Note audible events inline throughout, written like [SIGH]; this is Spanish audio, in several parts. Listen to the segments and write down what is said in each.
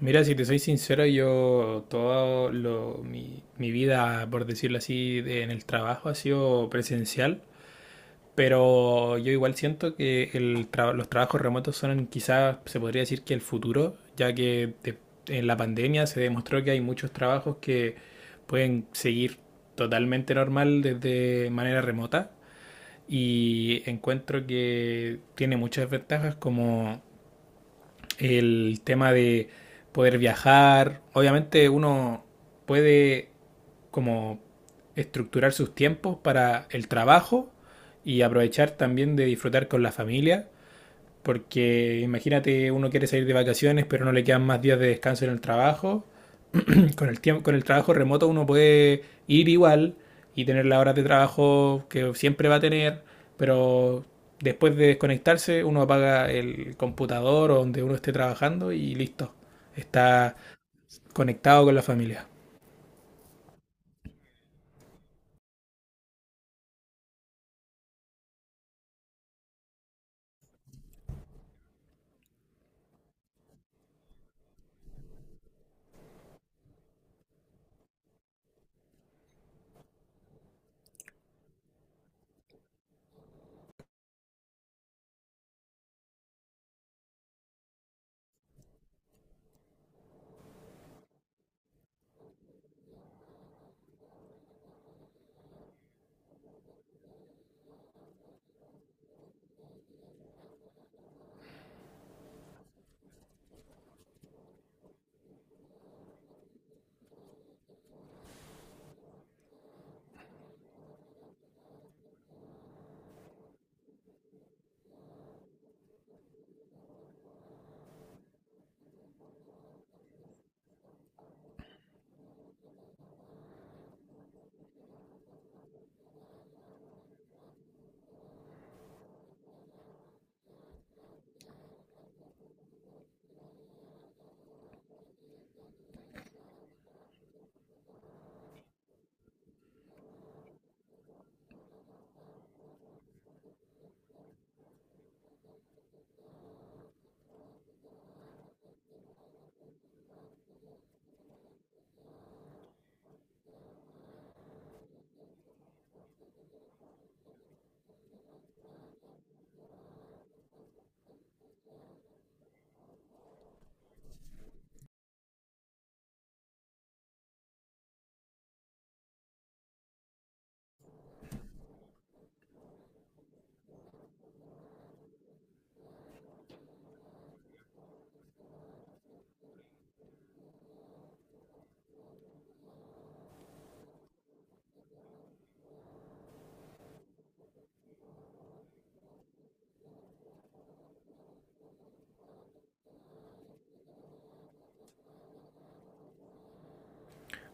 Mira, si te soy sincero, yo todo lo, mi vida, por decirlo así, en el trabajo ha sido presencial, pero yo igual siento que los trabajos remotos son quizás, se podría decir que el futuro, ya que en la pandemia se demostró que hay muchos trabajos que pueden seguir totalmente normal desde manera remota, y encuentro que tiene muchas ventajas como el tema de poder viajar. Obviamente uno puede como estructurar sus tiempos para el trabajo y aprovechar también de disfrutar con la familia. Porque imagínate, uno quiere salir de vacaciones, pero no le quedan más días de descanso en el trabajo. Con el tiempo, con el trabajo remoto uno puede ir igual y tener las horas de trabajo que siempre va a tener, pero después de desconectarse uno apaga el computador o donde uno esté trabajando y listo, está conectado con la familia.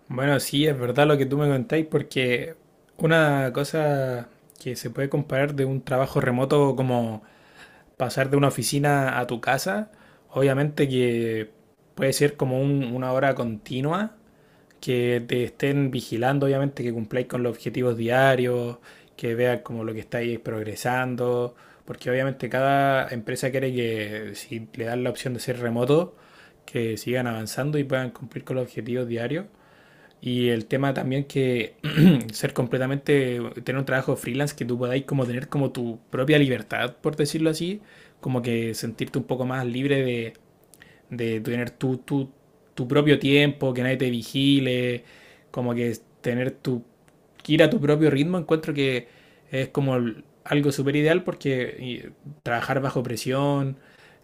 Bueno, sí, es verdad lo que tú me contáis, porque una cosa que se puede comparar de un trabajo remoto como pasar de una oficina a tu casa, obviamente que puede ser como una hora continua, que te estén vigilando, obviamente, que cumpláis con los objetivos diarios, que vean como lo que estáis progresando, porque obviamente cada empresa quiere que si le dan la opción de ser remoto, que sigan avanzando y puedan cumplir con los objetivos diarios. Y el tema también que [CLEARS THROAT] [COUGHS] ser completamente, tener un trabajo freelance que tú podáis como tener como tu propia libertad, por decirlo así, como que sentirte un poco más libre de tener tu propio tiempo, que nadie te vigile, como que tener tu, ir a tu propio ritmo, encuentro que es como algo súper ideal porque trabajar bajo presión,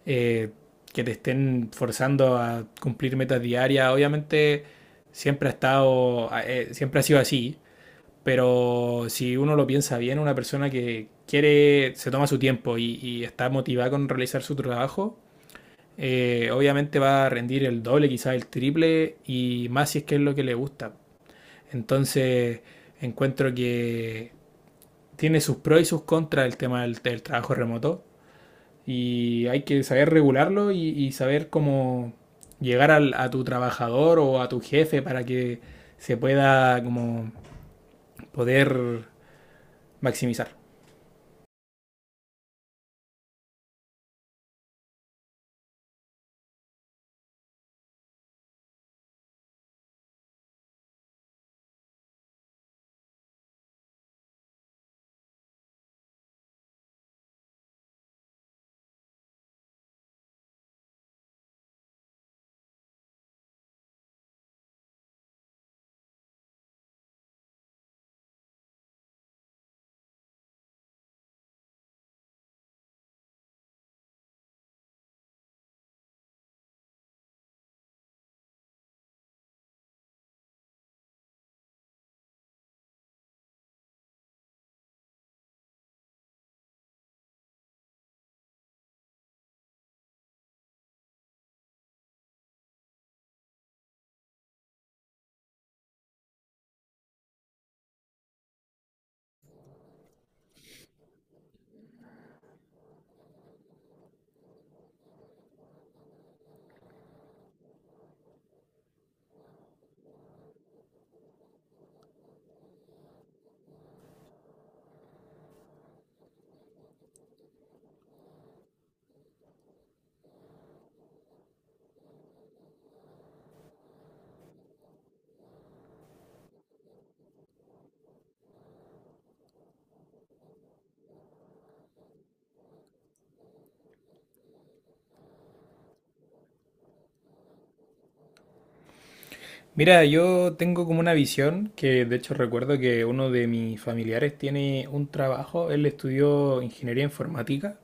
eh, que te estén forzando a cumplir metas diarias, obviamente siempre ha estado, siempre ha sido así, pero si uno lo piensa bien, una persona que quiere, se toma su tiempo y está motivada con realizar su trabajo, obviamente va a rendir el doble, quizás el triple, y más si es que es lo que le gusta. Entonces, encuentro que tiene sus pros y sus contras el tema del trabajo remoto, y hay que saber regularlo y saber cómo llegar a tu trabajador o a tu jefe para que se pueda como poder maximizar. Mira, yo tengo como una visión que de hecho recuerdo que uno de mis familiares tiene un trabajo, él estudió ingeniería informática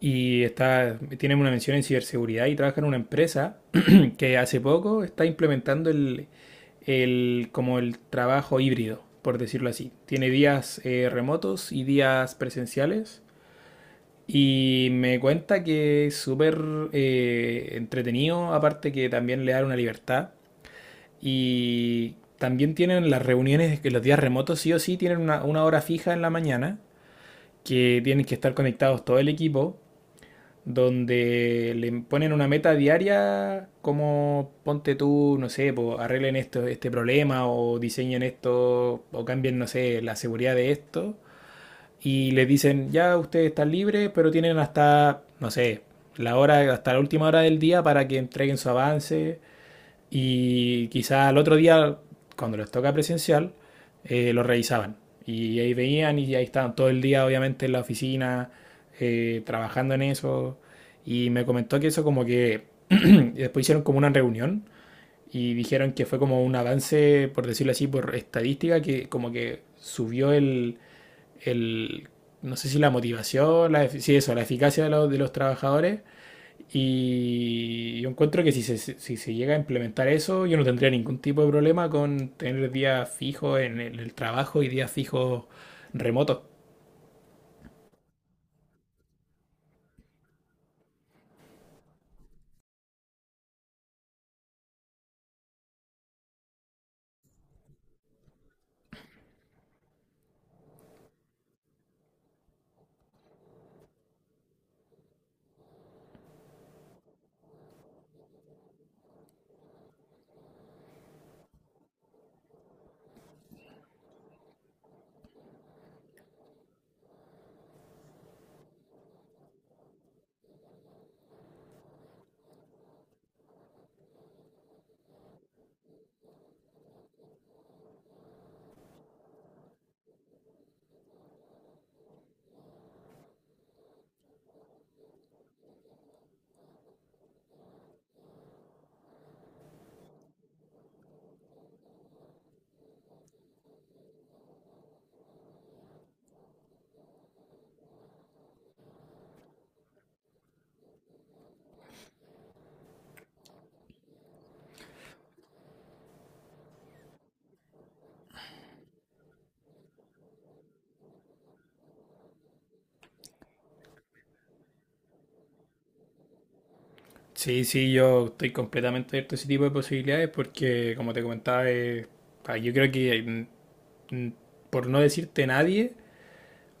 y está, tiene una mención en ciberseguridad y trabaja en una empresa [CLEARS THROAT] que hace poco está implementando como el trabajo híbrido, por decirlo así. Tiene días remotos y días presenciales. Y me cuenta que es súper entretenido, aparte que también le da una libertad. Y también tienen las reuniones que los días remotos, sí o sí, tienen una hora fija en la mañana, que tienen que estar conectados todo el equipo, donde le ponen una meta diaria como ponte tú, no sé, po, arreglen esto, este problema o diseñen esto o cambien, no sé, la seguridad de esto. Y les dicen, ya ustedes están libres, pero tienen hasta, no sé, la hora, hasta la última hora del día para que entreguen su avance y quizás al otro día, cuando les toca presencial, lo revisaban. Y ahí veían y ahí estaban todo el día, obviamente, en la oficina, trabajando en eso. Y me comentó que eso como que [CLEARS THROAT] después hicieron como una reunión y dijeron que fue como un avance, por decirlo así, por estadística, que como que subió el no sé si la motivación, la, sí, eso, la eficacia de de los trabajadores, y yo encuentro que si se llega a implementar eso, yo no tendría ningún tipo de problema con tener días fijos en el trabajo y días fijos remotos. Sí, sí, yo estoy completamente abierto a ese tipo de posibilidades porque, como te comentaba, yo creo que mm, mm, por no decirte nadie,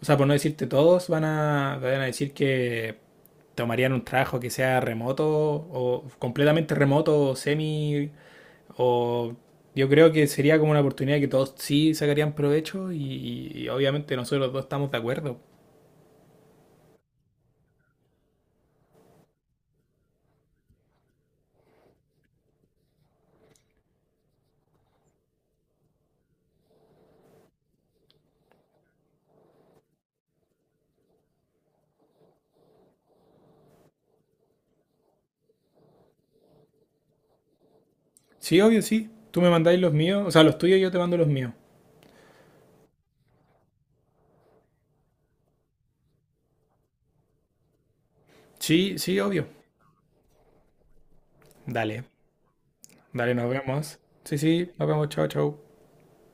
o sea, por no decirte todos, van a decir que tomarían un trabajo que sea remoto o completamente remoto o semi. O yo creo que sería como una oportunidad que todos sí sacarían provecho y obviamente nosotros dos estamos de acuerdo. Sí, obvio, sí. Tú me mandáis los míos, o sea, los tuyos y yo te mando los míos. Sí, sí, obvio. Dale, dale, nos vemos. Sí, sí, nos vemos, chao, chao.